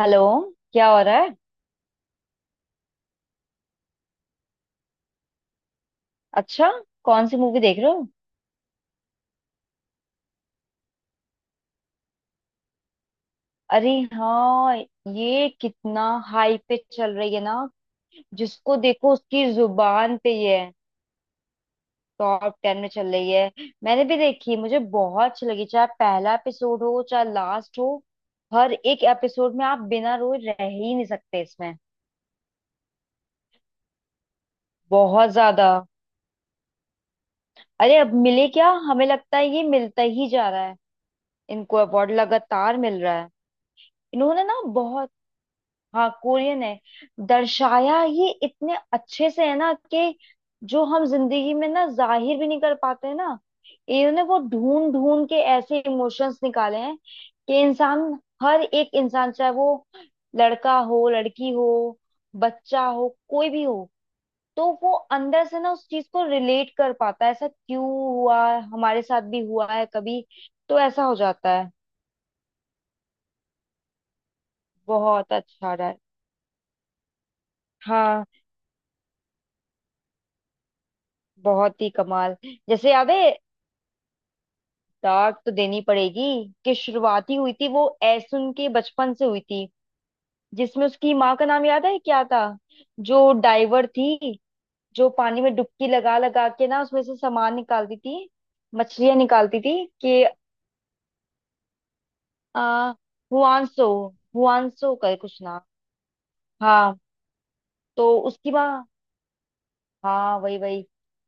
Hello. क्या हो रहा है? अच्छा, कौन सी मूवी देख रहे हो? अरे हाँ, ये कितना हाई पे चल रही है ना। जिसको देखो उसकी जुबान पे ये है। टॉप टेन में चल रही है। मैंने भी देखी, मुझे बहुत अच्छी लगी, चाहे पहला एपिसोड हो चाहे लास्ट हो। हर एक एपिसोड में आप बिना रोए रह ही नहीं सकते इसमें। बहुत ज्यादा। अरे अब मिले क्या, हमें लगता है ये मिलता ही जा रहा है। इनको अवार्ड लगातार मिल रहा है। इन्होंने ना बहुत। हाँ, कोरियन है। दर्शाया ये इतने अच्छे से है ना कि जो हम जिंदगी में ना जाहिर भी नहीं कर पाते हैं ना, इन्होंने वो ढूंढ ढूंढ के ऐसे इमोशंस निकाले हैं कि इंसान, हर एक इंसान, चाहे वो लड़का हो, लड़की हो, बच्चा हो, कोई भी हो, तो वो अंदर से ना उस चीज को रिलेट कर पाता है ऐसा क्यों हुआ, हमारे साथ भी हुआ है कभी। तो ऐसा हो जाता है। बहुत अच्छा रहा है। हाँ, बहुत ही कमाल। जैसे याद है, दाग तो देनी पड़ेगी कि शुरुआती हुई थी वो ऐसुन उनके बचपन से हुई थी। जिसमें उसकी माँ का नाम याद है क्या था? जो डाइवर थी, जो पानी में डुबकी लगा लगा के ना उसमें से सामान निकालती थी, मछलियां निकालती थी कि आ हुआंसो, हुआंसो का कुछ नाम। हाँ, तो उसकी माँ। हाँ, वही वही।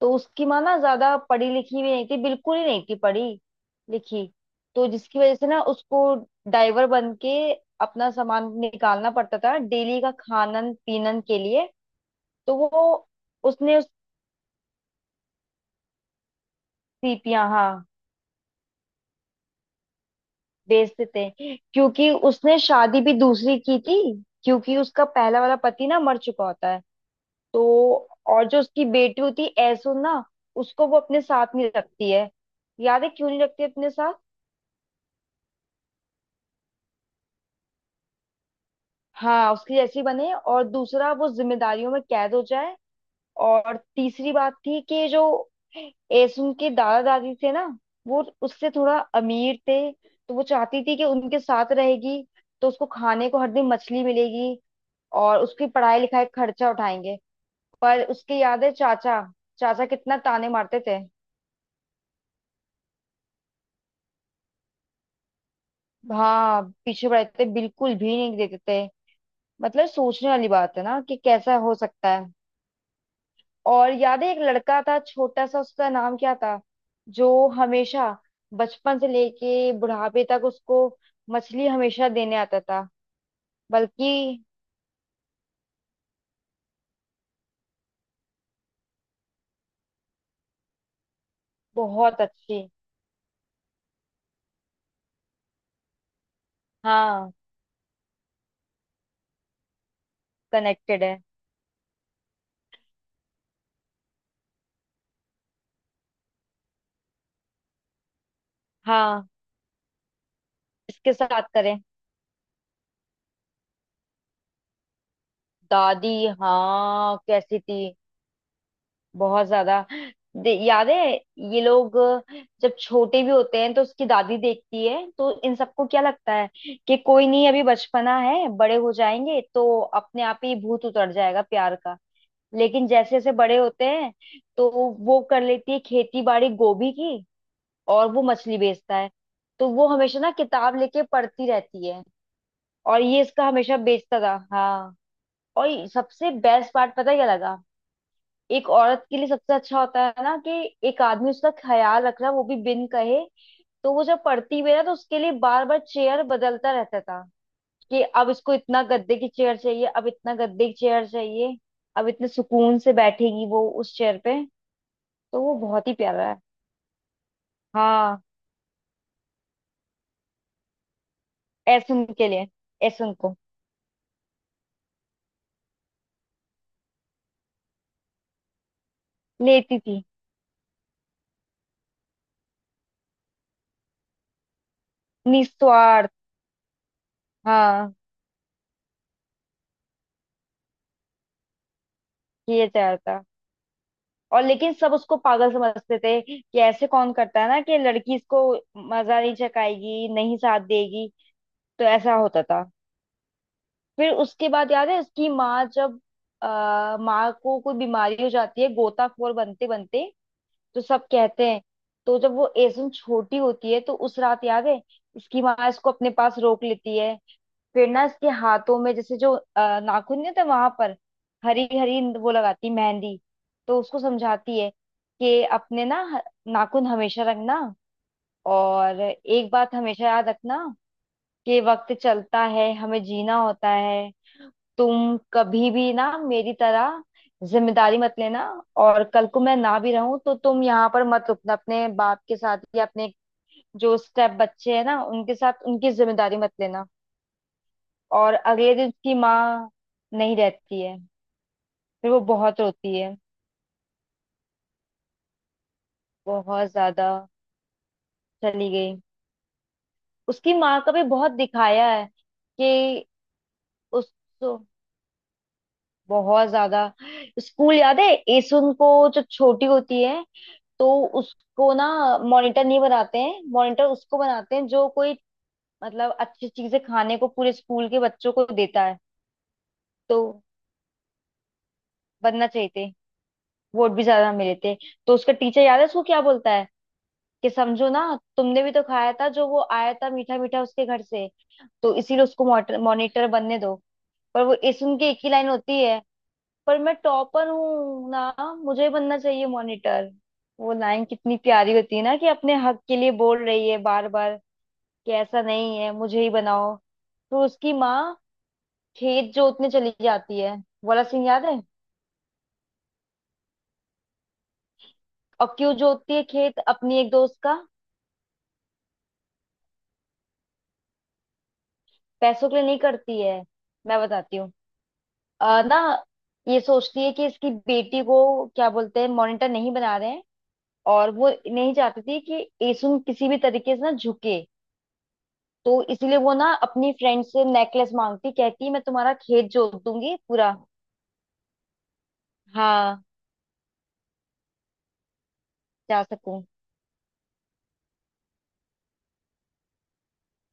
तो उसकी माँ ना ज्यादा पढ़ी लिखी भी नहीं थी, बिल्कुल ही नहीं थी पढ़ी लिखी। तो जिसकी वजह से ना उसको ड्राइवर बन के अपना सामान निकालना पड़ता था डेली का खानन पीनन के लिए। तो वो उसने उस सीपियां हाँ बेचते थे क्योंकि उसने शादी भी दूसरी की थी, क्योंकि उसका पहला वाला पति ना मर चुका होता है। तो, और जो उसकी बेटी होती है ऐसो ना, उसको वो अपने साथ नहीं रखती है। याद है क्यों नहीं रखती अपने साथ? हाँ, उसकी जैसी बने, और दूसरा वो जिम्मेदारियों में कैद हो जाए। और तीसरी बात थी कि जो एसुन के दादा दादी थे ना, वो उससे थोड़ा अमीर थे, तो वो चाहती थी कि उनके साथ रहेगी तो उसको खाने को हर दिन मछली मिलेगी और उसकी पढ़ाई लिखाई का खर्चा उठाएंगे। पर उसके याद है चाचा, चाचा कितना ताने मारते थे। हाँ, पीछे पड़े थे, बिल्कुल भी नहीं देते थे। मतलब सोचने वाली बात है ना कि कैसा हो सकता है। और याद है एक लड़का था छोटा सा, उसका नाम क्या था, जो हमेशा बचपन से लेके बुढ़ापे तक उसको मछली हमेशा देने आता था। बल्कि बहुत अच्छी। हाँ, कनेक्टेड है। हाँ, इसके साथ करें। दादी, हाँ, कैसी थी? बहुत ज्यादा। याद है, ये लोग जब छोटे भी होते हैं तो उसकी दादी देखती है तो इन सबको क्या लगता है कि कोई नहीं, अभी बचपना है, बड़े हो जाएंगे तो अपने आप ही भूत उतर जाएगा प्यार का। लेकिन जैसे जैसे बड़े होते हैं तो वो कर लेती है खेती बाड़ी गोभी की, और वो मछली बेचता है। तो वो हमेशा ना किताब लेके पढ़ती रहती है। और ये इसका हमेशा बेचता था, हाँ। और सबसे बेस्ट पार्ट पता है क्या लगा? एक औरत के लिए सबसे अच्छा होता है ना कि एक आदमी उसका ख्याल रख रहा है, वो भी बिन कहे। तो वो जब पढ़ती भी है ना, तो उसके लिए बार बार चेयर बदलता रहता था कि अब इसको इतना गद्दे की चेयर चाहिए, अब इतना गद्दे की चेयर चाहिए, अब इतने सुकून से बैठेगी वो उस चेयर पे। तो वो बहुत ही प्यारा है। हाँ, ऐसुन के लिए, ऐसुन को। लेती थी। निस्वार्थ, हाँ। ये चाहता, और लेकिन सब उसको पागल समझते थे कि ऐसे कौन करता है ना, कि लड़की इसको मजा नहीं चखाएगी, नहीं साथ देगी। तो ऐसा होता था। फिर उसके बाद याद है, उसकी माँ जब, माँ को कोई बीमारी हो जाती है गोताखोर बनते बनते। तो सब कहते हैं, तो जब वो एसुन छोटी होती है, तो उस रात याद है, इसकी माँ इसको अपने पास रोक लेती है। फिर ना इसके हाथों में, जैसे जो नाखून नहीं होते वहां पर, हरी हरी वो लगाती मेहंदी। तो उसको समझाती है कि अपने ना नाखून हमेशा रखना। और एक बात हमेशा याद रखना, कि वक्त चलता है, हमें जीना होता है। तुम कभी भी ना मेरी तरह जिम्मेदारी मत लेना। और कल को मैं ना भी रहूं तो तुम यहाँ पर मत रुकना अपने बाप के साथ, या अपने जो स्टेप बच्चे हैं ना उनके साथ, उनकी जिम्मेदारी मत लेना। और अगले दिन उसकी माँ नहीं रहती है। फिर वो बहुत रोती है। बहुत ज्यादा चली गई। उसकी माँ का भी बहुत दिखाया है कि उस, तो बहुत ज्यादा। स्कूल याद है, एसुन को जो छोटी होती है, तो उसको ना मॉनिटर नहीं बनाते हैं। मॉनिटर उसको बनाते हैं जो कोई, मतलब अच्छी चीजें खाने को पूरे स्कूल के बच्चों को देता है। तो बनना चाहिए थे, वोट भी ज्यादा मिले थे। तो उसका टीचर याद है उसको क्या बोलता है कि समझो ना, तुमने भी तो खाया था जो वो आया था मीठा मीठा उसके घर से, तो इसीलिए उसको मॉनिटर बनने दो। पर वो इस उनकी एक ही लाइन होती है, पर मैं टॉपर हूँ ना, मुझे बनना चाहिए मॉनिटर। वो लाइन कितनी प्यारी होती है ना कि अपने हक के लिए बोल रही है बार बार कि ऐसा नहीं है, मुझे ही बनाओ। तो उसकी माँ खेत जोतने चली जाती है वाला सीन याद है। और क्यों जोतती है खेत अपनी एक दोस्त का? पैसों के लिए नहीं करती है, मैं बताती हूँ। ना ये सोचती है कि इसकी बेटी को क्या बोलते हैं, मॉनिटर नहीं बना रहे हैं। और वो नहीं चाहती थी कि एसुन किसी भी तरीके से ना झुके। तो इसीलिए वो ना अपनी फ्रेंड से नेकलेस मांगती, कहती मैं तुम्हारा खेत जोत दूंगी पूरा। हाँ, जा सकूं।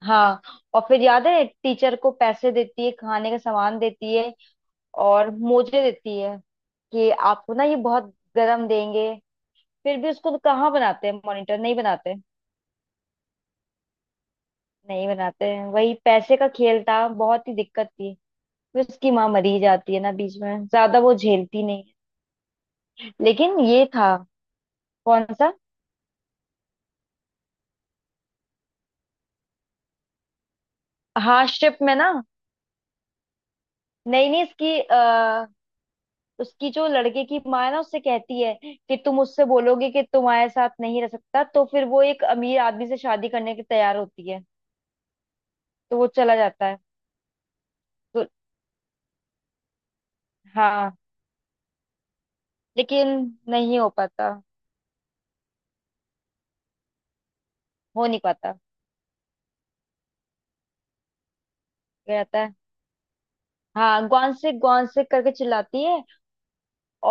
हाँ, और फिर याद है टीचर को पैसे देती है, खाने का सामान देती है, और मोजे देती है, कि आपको ना ये बहुत गरम देंगे। फिर भी उसको तो कहाँ बनाते हैं, मॉनिटर नहीं बनाते। नहीं बनाते हैं, वही पैसे का खेल था, बहुत ही दिक्कत थी। फिर उसकी माँ मरी जाती है ना, बीच में ज्यादा वो झेलती नहीं है। लेकिन ये था। कौन सा? हार्डशिप में ना। नहीं नहीं, इसकी उसकी जो लड़के की माँ है ना, उससे कहती है कि तुम उससे बोलोगे कि तुम्हारे साथ नहीं रह सकता, तो फिर वो एक अमीर आदमी से शादी करने के तैयार होती है। तो वो चला जाता है। तो हाँ, लेकिन नहीं हो पाता। हो नहीं पाता। कहता है, हाँ, ग्वान से करके चिल्लाती है।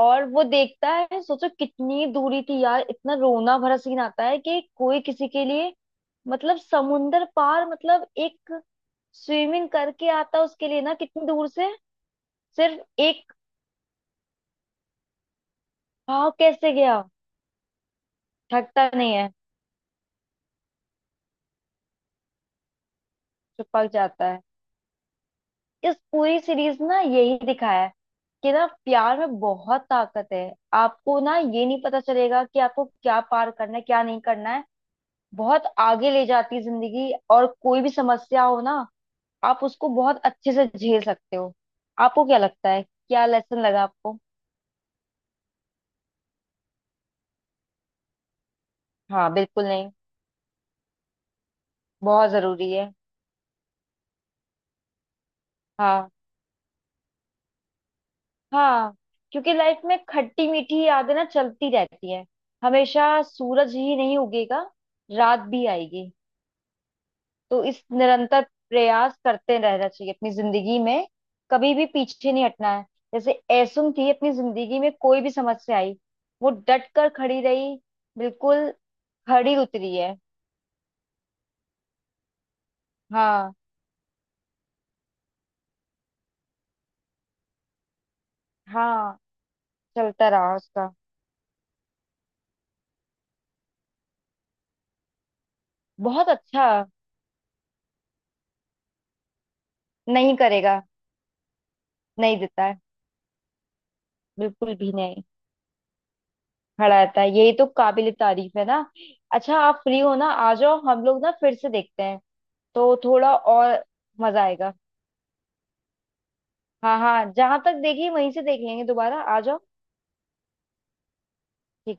और वो देखता है, सोचो कितनी दूरी थी यार, इतना रोना भरा सीन आता है कि कोई किसी के लिए, मतलब समुंदर पार, मतलब एक स्विमिंग करके आता उसके लिए ना, कितनी दूर से, सिर्फ एक भाव कैसे गया। थकता नहीं है, चिपक जाता है। इस पूरी सीरीज ना यही दिखाया है कि ना प्यार में बहुत ताकत है। आपको ना ये नहीं पता चलेगा कि आपको क्या पार करना है, क्या नहीं करना है। बहुत आगे ले जाती है जिंदगी, और कोई भी समस्या हो ना, आप उसको बहुत अच्छे से झेल सकते हो। आपको क्या लगता है, क्या लेसन लगा आपको? हाँ, बिल्कुल नहीं। बहुत जरूरी है। हाँ, हाँ। क्योंकि लाइफ में खट्टी मीठी यादें ना चलती रहती हैं। हमेशा सूरज ही नहीं उगेगा, रात भी आएगी। तो इस निरंतर प्रयास करते रहना चाहिए अपनी जिंदगी में, कभी भी पीछे नहीं हटना है। जैसे ऐसुम थी अपनी जिंदगी में, कोई भी समस्या आई, वो डट कर खड़ी रही। बिल्कुल खड़ी उतरी है। हाँ, हाँ। चलता रहा उसका। बहुत अच्छा। नहीं करेगा, नहीं देता है। बिल्कुल भी नहीं। खड़ा रहता है, यही तो काबिल तारीफ है ना। अच्छा, आप फ्री हो ना, आ जाओ, हम लोग ना फिर से देखते हैं। तो थोड़ा और मजा आएगा। हाँ हाँ, जहां तक देखी वहीं से देख लेंगे, दोबारा आ जाओ। ठीक है।